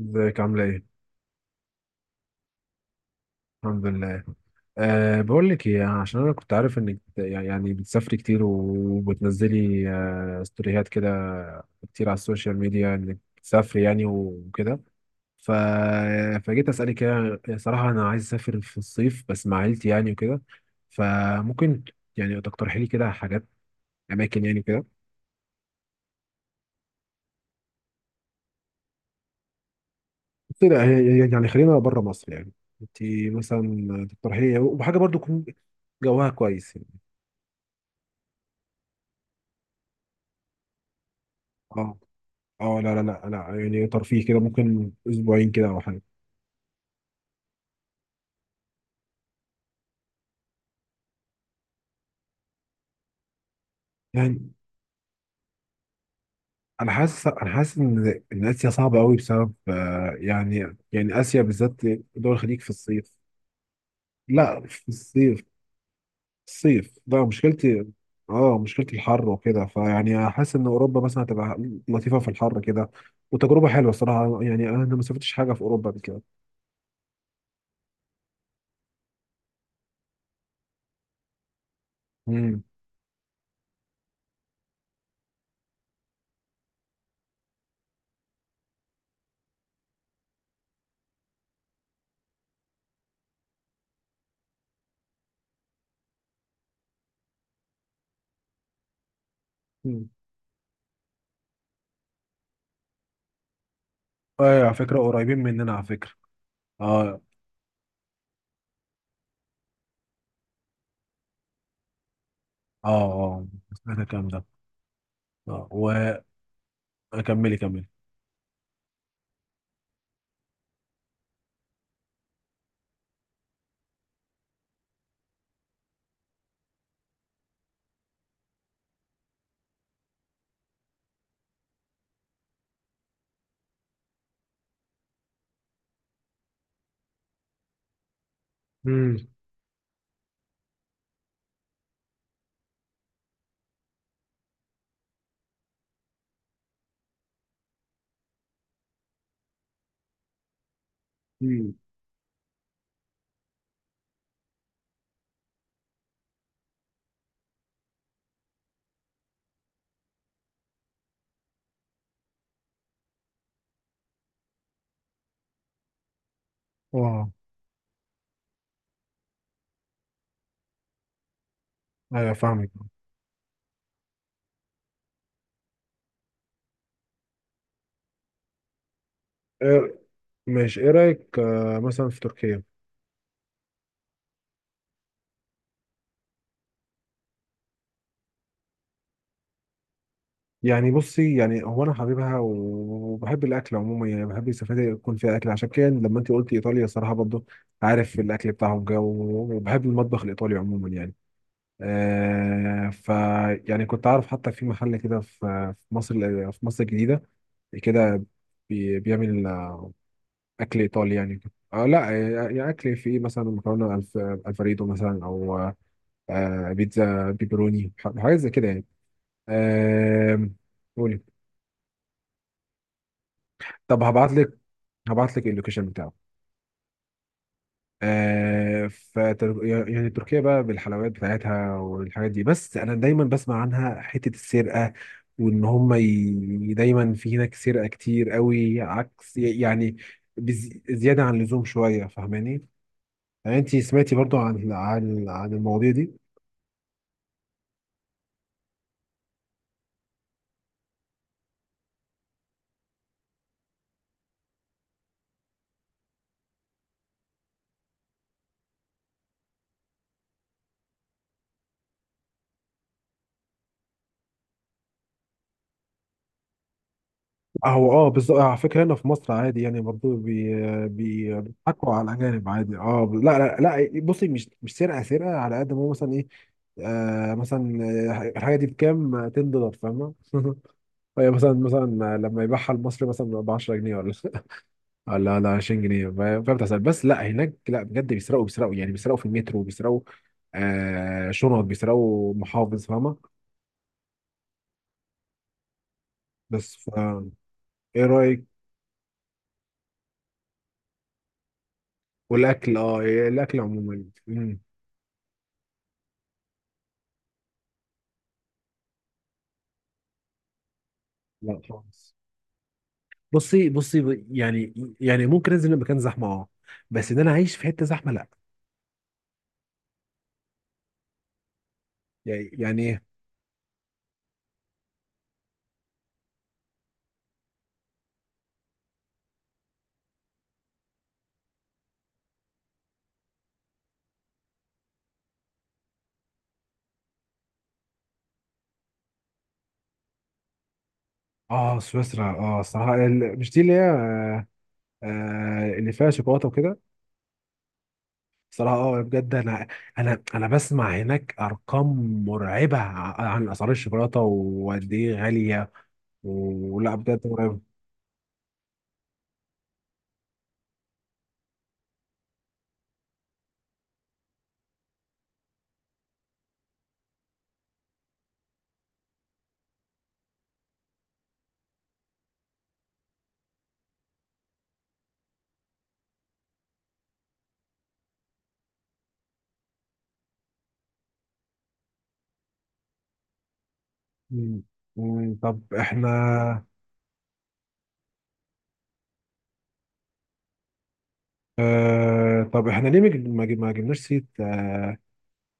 ازيك عاملة ايه؟ الحمد لله. بقول لك ايه، عشان انا كنت عارف انك بتسافري كتير وبتنزلي ستوريات كده كتير على السوشيال ميديا، انك بتسافري يعني وكده. ف... فجيت اسالك، يعني صراحة انا عايز اسافر في الصيف بس مع عيلتي يعني وكده. فممكن يعني تقترحي لي كده حاجات، اماكن يعني كده. بس لا هي- يعني خلينا بره مصر يعني. انت مثلا تقترحي لي وحاجة برضو يكون جواها كويس يعني. اه. اه، لا لا لا، انا يعني ترفيه كده، ممكن اسبوعين كده او حاجه. يعني انا حاسس، انا حاسس ان اسيا صعبه قوي بسبب يعني. يعني اسيا بالذات، دول الخليج في الصيف. لا في الصيف، الصيف لا مشكلتي. اه مشكلتي الحر وكده، فيعني حاسس ان اوروبا مثلا هتبقى لطيفه في الحر كده، وتجربه حلوه الصراحه يعني. انا ما سافرتش حاجه في اوروبا قبل كده. امم أمم. ايوه على فكره، قريبين مننا على فكره. اه اه، اه انا الكلام ده اه. وكملي كملي. امم مم. اه ايوه فاهمك. إيه ماشي، ايه رايك مثلا في تركيا؟ يعني بصي، يعني هو انا حبيبها وبحب الاكل عموما، يعني بحب السفاري يكون فيها اكل، عشان كده لما انت قلت ايطاليا صراحه برضو، عارف الاكل بتاعهم جو. وبحب المطبخ الايطالي عموما يعني. آه ف يعني كنت عارف حتى في محل كده، في، في مصر، في مصر الجديده كده، بيعمل اكل ايطالي يعني. آه لا آه، يعني اكل فيه مثلا مكرونه الفريدو مثلا، او بيتزا بيبروني، حاجات زي كده يعني. آه، قولي. طب هبعت لك، هبعت لك اللوكيشن بتاعه. يعني تركيا بقى بالحلويات بتاعتها والحاجات دي، بس انا دايما بسمع عنها حتة السرقة، وان هم دايما في هناك سرقة كتير قوي، عكس يعني، زيادة عن اللزوم شوية، فاهماني؟ يعني انت سمعتي برضو عن المواضيع دي؟ هو اه بالظبط، على فكره هنا في مصر عادي، يعني برضه بيضحكوا على الاجانب عادي. اه لا لا لا، بصي، مش سرقه سرقه، على قد ما هو مثلا ايه. آه مثلا، الحاجه دي بكام؟ 10 دولار، فاهمه؟ هي مثلا، مثلا لما يبيعها المصري مثلا ب 10 جنيه، ولا ولا 20 جنيه، فاهم؟ بتحصل. بس لا هناك لا، بجد بيسرقوا، بيسرقوا يعني، بيسرقوا في المترو، بيسرقوا شنط، بيسرقوا محافظ، فاهمه؟ بس ف... ايه رايك؟ والاكل اه، الاكل عموما. مم. لا خالص. بصي بصي، يعني، يعني ممكن انزل مكان زحمه اه، بس ان انا اعيش في حته زحمه لا. يعني يعني ايه. اه سويسرا، اه الصراحه، مش دي اللي هي اللي فيها شوكولاته وكده؟ صراحه اه بجد، انا انا بسمع هناك ارقام مرعبه، عن اسعار الشوكولاته وقد ايه غاليه، ولا بجد مرعبه. مم. مم. طب احنا، آه طب احنا ليه ما جبناش سيره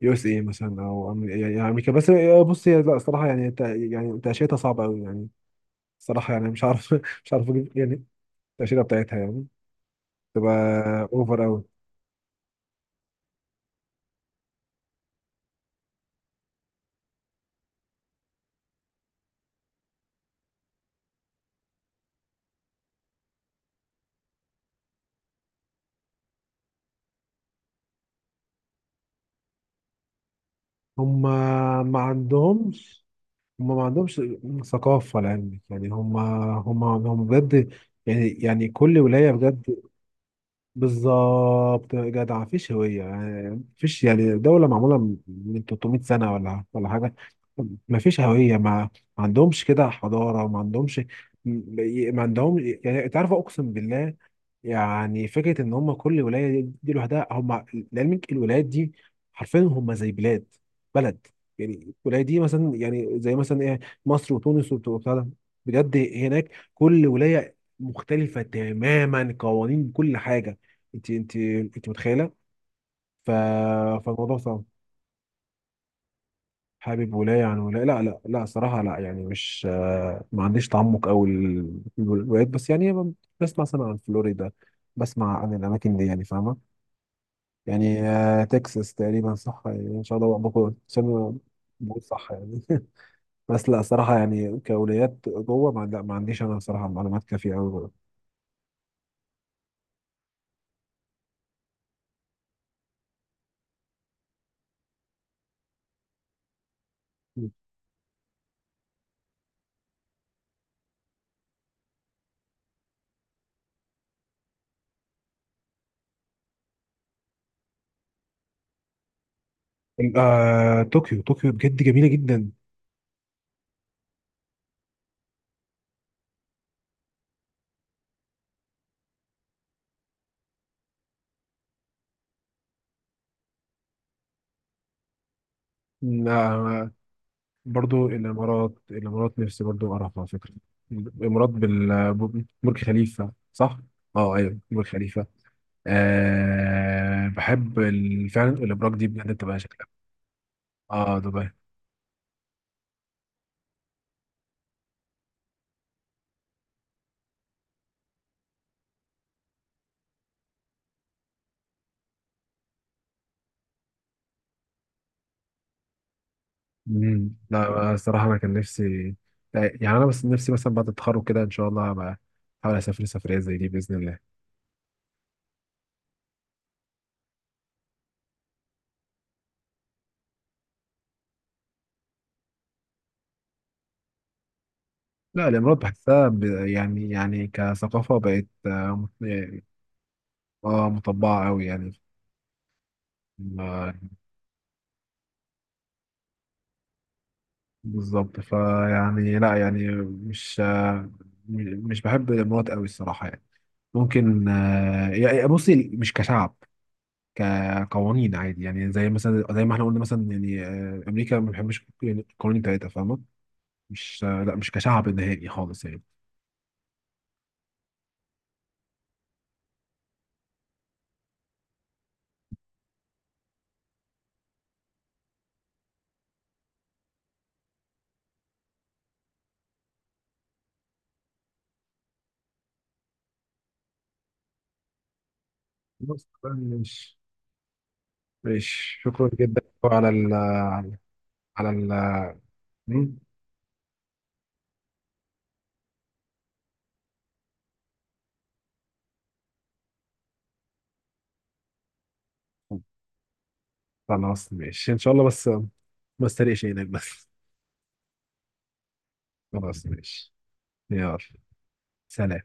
يو اس اي مثلا، او يعني يعني امريكا؟ بس بص هي لا، الصراحه يعني يعني تاشيرتها صعبه قوي يعني. الصراحه يعني مش عارف مش عارف اجيب يعني التاشيره بتاعتها، يعني تبقى اوفر قوي. هم ما عندهمش، هم ما عندهمش ثقافه لعلمك. يعني هم هم هم بجد، يعني يعني كل ولايه بجد. بالظبط يا جدع، مفيش هوية يعني. مفيش، يعني دولة معمولة من 300 سنة ولا حاجة. مفيش هوية. ما عندهمش كده حضارة، ما عندهمش، ما عندهم يعني. انت عارف، اقسم بالله، يعني فكره ان هم كل ولايه دي لوحدها. هم لعلمك الولايات دي حرفيا هم زي بلاد، بلد. يعني الولايه دي مثلا، يعني زي مثلا ايه، مصر وتونس، وبتاع ده. بجد هناك كل ولايه مختلفه تماما، قوانين كل حاجه. انت متخيله؟ ف... فالموضوع صعب. حابب ولايه عن ولايه؟ لا لا لا صراحه لا، يعني مش ما عنديش تعمق قوي الولايات، بس يعني بسمع مثلا عن فلوريدا، بسمع عن الاماكن دي يعني، فاهمه؟ يعني تكساس تقريبا صح يعني، ان شاء الله بكون عشان بقول صح يعني. بس لا صراحه يعني كأولويات جوه ما، لا ما عنديش انا صراحه معلومات كافيه قوي. طوكيو، طوكيو بجد جميله جدا. آه، برضو الامارات، الامارات نفسي برضو اعرف على فكره. الامارات برج خليفه صح؟ اه ايوه برج خليفه. أه بحب فعلا الابراج دي، بجد بتبقى شكلها. اه دبي. مم. لا أنا الصراحة أنا كان نفسي يعني. أنا بس نفسي مثلا بعد التخرج كده إن شاء الله، هبقى أحاول أسافر سفرية زي دي بإذن الله. لا الإمارات بحسها يعني، يعني كثقافة بقت يعني- مطبعة أوي يعني. ما- بالظبط، فيعني لا يعني مش مش بحب الإمارات أوي الصراحة يعني. ممكن يعني بصي مش كشعب، كقوانين عادي يعني. زي مثلا، زي ما احنا قلنا مثلا، يعني أمريكا ما بحبش يعني القوانين بتاعتها، فاهمة؟ مش، لا مش كشعب نهائي خالص يعني. خلاص تمام، ماشي. ماشي شكرا جدا على ال، على، على ال. مم؟ خلاص ماشي ان شاء الله، بس ما استريقش هناك بس. خلاص ماشي، يلا سلام.